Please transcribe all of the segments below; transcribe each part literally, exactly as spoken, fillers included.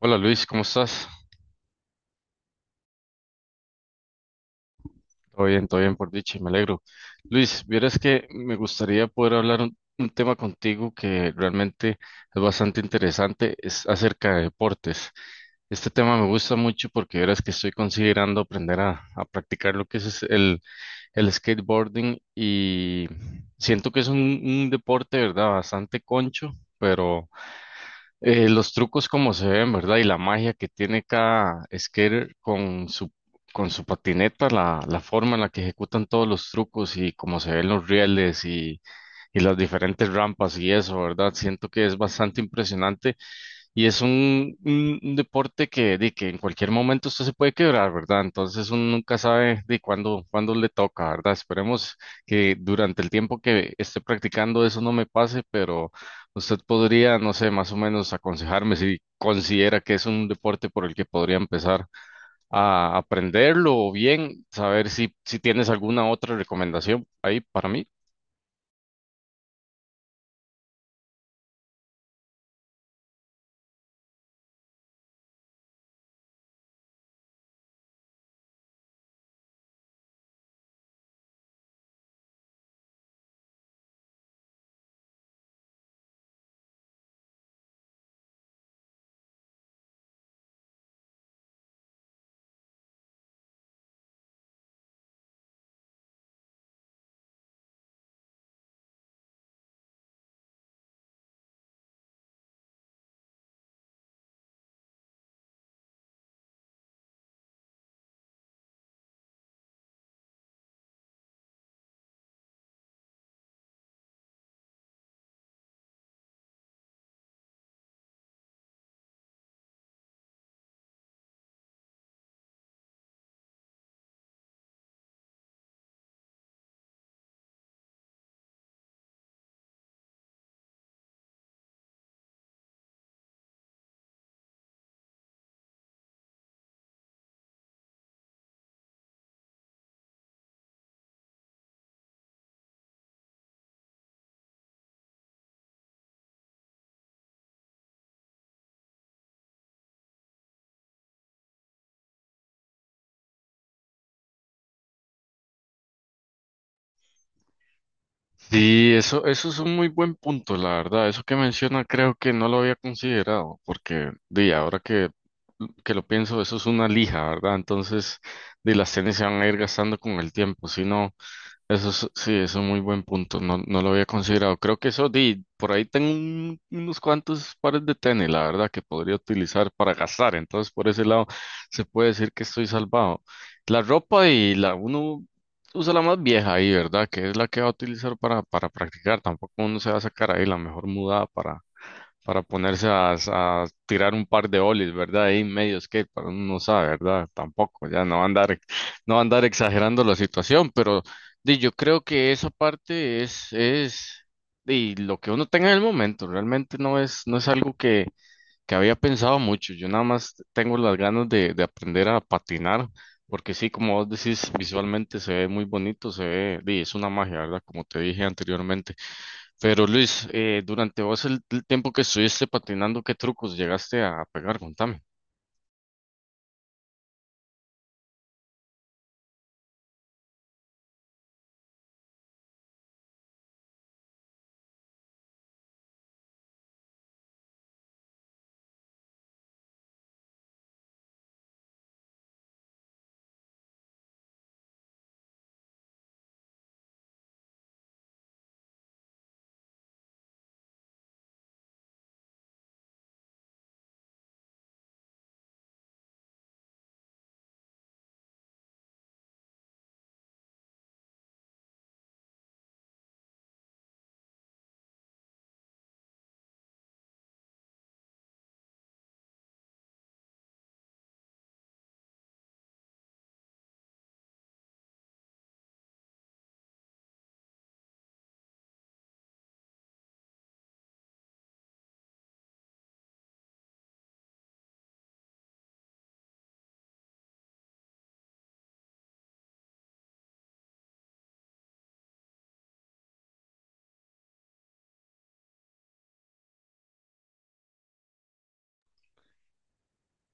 Hola Luis, ¿cómo estás? Todo bien, todo bien por dicha, me alegro. Luis, vieras que me gustaría poder hablar un, un tema contigo que realmente es bastante interesante, es acerca de deportes. Este tema me gusta mucho porque vieras que estoy considerando aprender a, a practicar lo que es el, el skateboarding y siento que es un, un deporte, ¿verdad? Bastante concho, pero Eh, los trucos como se ven, ¿verdad? Y la magia que tiene cada skater con su, con su patineta, la, la forma en la que ejecutan todos los trucos y cómo se ven los rieles y, y las diferentes rampas y eso, ¿verdad? Siento que es bastante impresionante y es un, un- un deporte que, de, que en cualquier momento usted se puede quebrar, ¿verdad? Entonces uno nunca sabe de cuándo, cuándo le toca, ¿verdad? Esperemos que durante el tiempo que esté practicando eso no me pase, pero usted podría, no sé, más o menos aconsejarme si considera que es un deporte por el que podría empezar a aprenderlo o bien saber si, si tienes alguna otra recomendación ahí para mí. Sí, eso, eso es un muy buen punto, la verdad. Eso que menciona creo que no lo había considerado, porque di, ahora que, que lo pienso, eso es una lija, ¿verdad? Entonces, di, las tenis se van a ir gastando con el tiempo. Si no, eso es, sí, es un muy buen punto. No, no lo había considerado. Creo que eso, di, por ahí tengo un- unos cuantos pares de tenis, la verdad, que podría utilizar para gastar. Entonces, por ese lado, se puede decir que estoy salvado. La ropa y la, uno usa la más vieja ahí, ¿verdad? Que es la que va a utilizar para, para practicar. Tampoco uno se va a sacar ahí la mejor mudada para, para ponerse a, a tirar un par de ollies, ¿verdad? Ahí en medio skate, para uno no sabe, ¿verdad? Tampoco, ya no va a andar, no va a andar exagerando la situación, pero di, yo creo que esa parte es, es di, lo que uno tenga en el momento, realmente no es, no es algo que que había pensado mucho. Yo nada más tengo las ganas de, de aprender a patinar, porque sí, como vos decís, visualmente se ve muy bonito, se ve, di, es una magia, ¿verdad? Como te dije anteriormente. Pero Luis, eh, durante vos el, el tiempo que estuviste patinando, ¿qué trucos llegaste a pegar? Contame.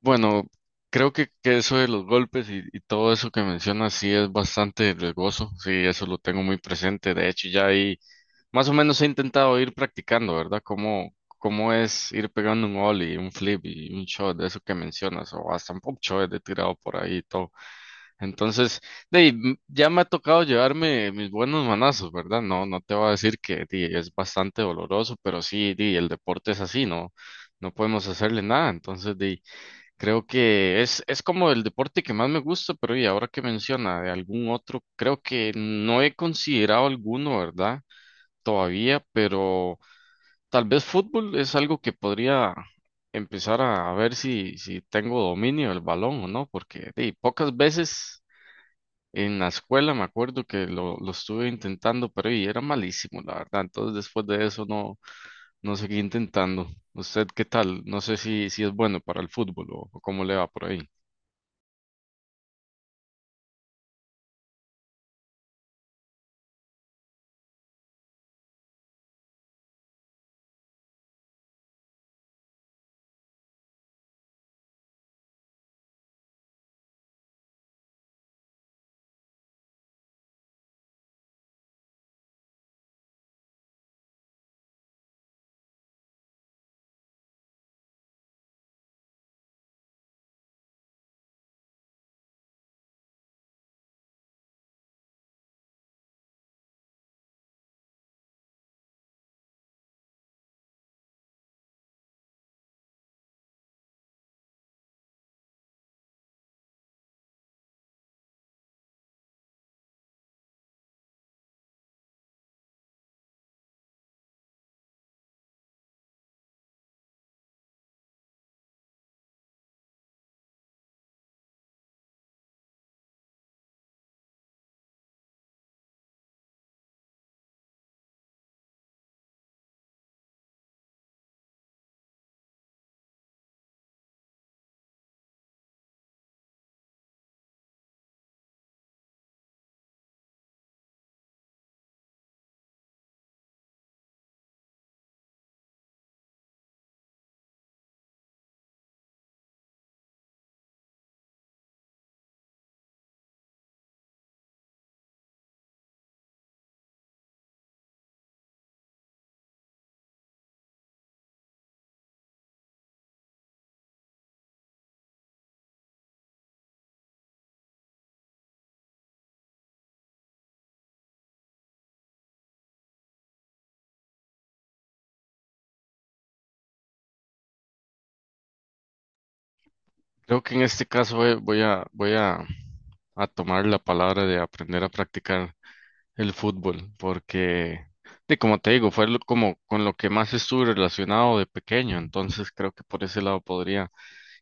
Bueno, creo que, que eso de los golpes y, y todo eso que mencionas sí es bastante riesgoso, sí, eso lo tengo muy presente. De hecho, ya ahí más o menos he intentado ir practicando, ¿verdad? ¿Cómo, cómo es ir pegando un ollie, un flip y un shot de eso que mencionas? O hasta un pop shot de tirado por ahí y todo. Entonces, de, ahí, m- ya me ha tocado llevarme mis buenos manazos, ¿verdad? No, no te voy a decir que di, es bastante doloroso, pero sí, di, el deporte es así, ¿no? No podemos hacerle nada. Entonces, di, creo que es, es como el deporte que más me gusta, pero y ahora que menciona de algún otro, creo que no he considerado alguno, ¿verdad? Todavía, pero tal vez fútbol es algo que podría empezar a, a ver si, si tengo dominio del balón o no, porque di, pocas veces en la escuela me acuerdo que lo, lo estuve intentando, pero y era malísimo, la verdad. Entonces después de eso no, no seguí intentando. ¿Usted qué tal? No sé si, si es bueno para el fútbol o, o cómo le va por ahí. Creo que en este caso eh, voy a, voy a, a tomar la palabra de aprender a practicar el fútbol, porque, de, como te digo, fue lo- como con lo que más estuve relacionado de pequeño, entonces creo que por ese lado podría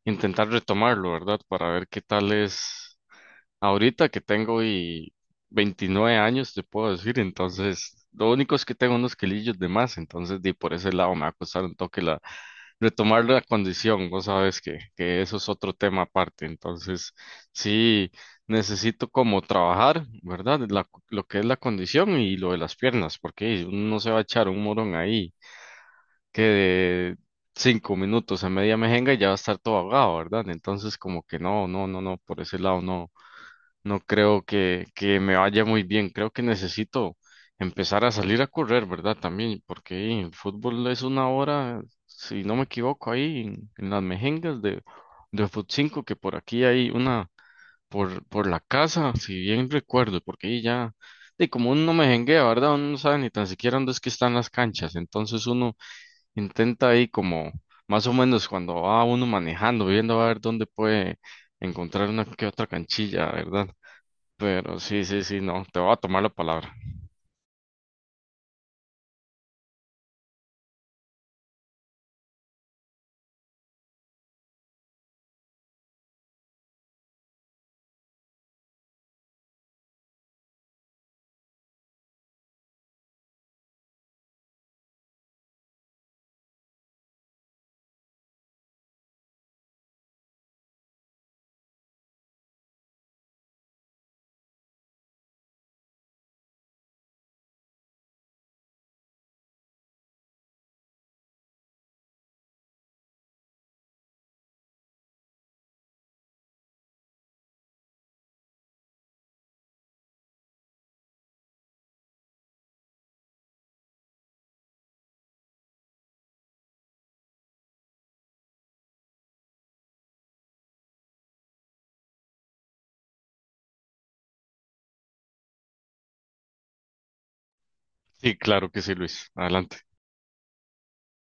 intentar retomarlo, ¿verdad? Para ver qué tal es ahorita que tengo y veintinueve años, te puedo decir, entonces, lo único es que tengo unos kilillos de más, entonces, de, por ese lado me va a costar un toque retomar la condición, vos sabes que, que eso es otro tema aparte, entonces sí necesito como trabajar, ¿verdad? La- lo que es la condición y lo de las piernas, porque uno no se va a echar un morón ahí que de cinco minutos a media mejenga y ya va a estar todo ahogado, ¿verdad? Entonces como que no, no, no, no, por ese lado no. No creo que, que me vaya muy bien. Creo que necesito empezar a salir a correr, ¿verdad? También, porque hey, el fútbol es una hora, si no me equivoco, ahí en, en las mejengas de, de Fut cinco que por aquí hay una por, por la casa, si bien recuerdo, porque ahí ya, de como uno no mejenguea, ¿verdad? Uno no sabe ni tan siquiera dónde es que están las canchas. Entonces uno intenta ahí como, más o menos cuando va uno manejando, viendo a ver dónde puede encontrar una que otra canchilla, ¿verdad? Pero sí, sí, sí, no, te voy a tomar la palabra. Sí, claro que sí, Luis. Adelante.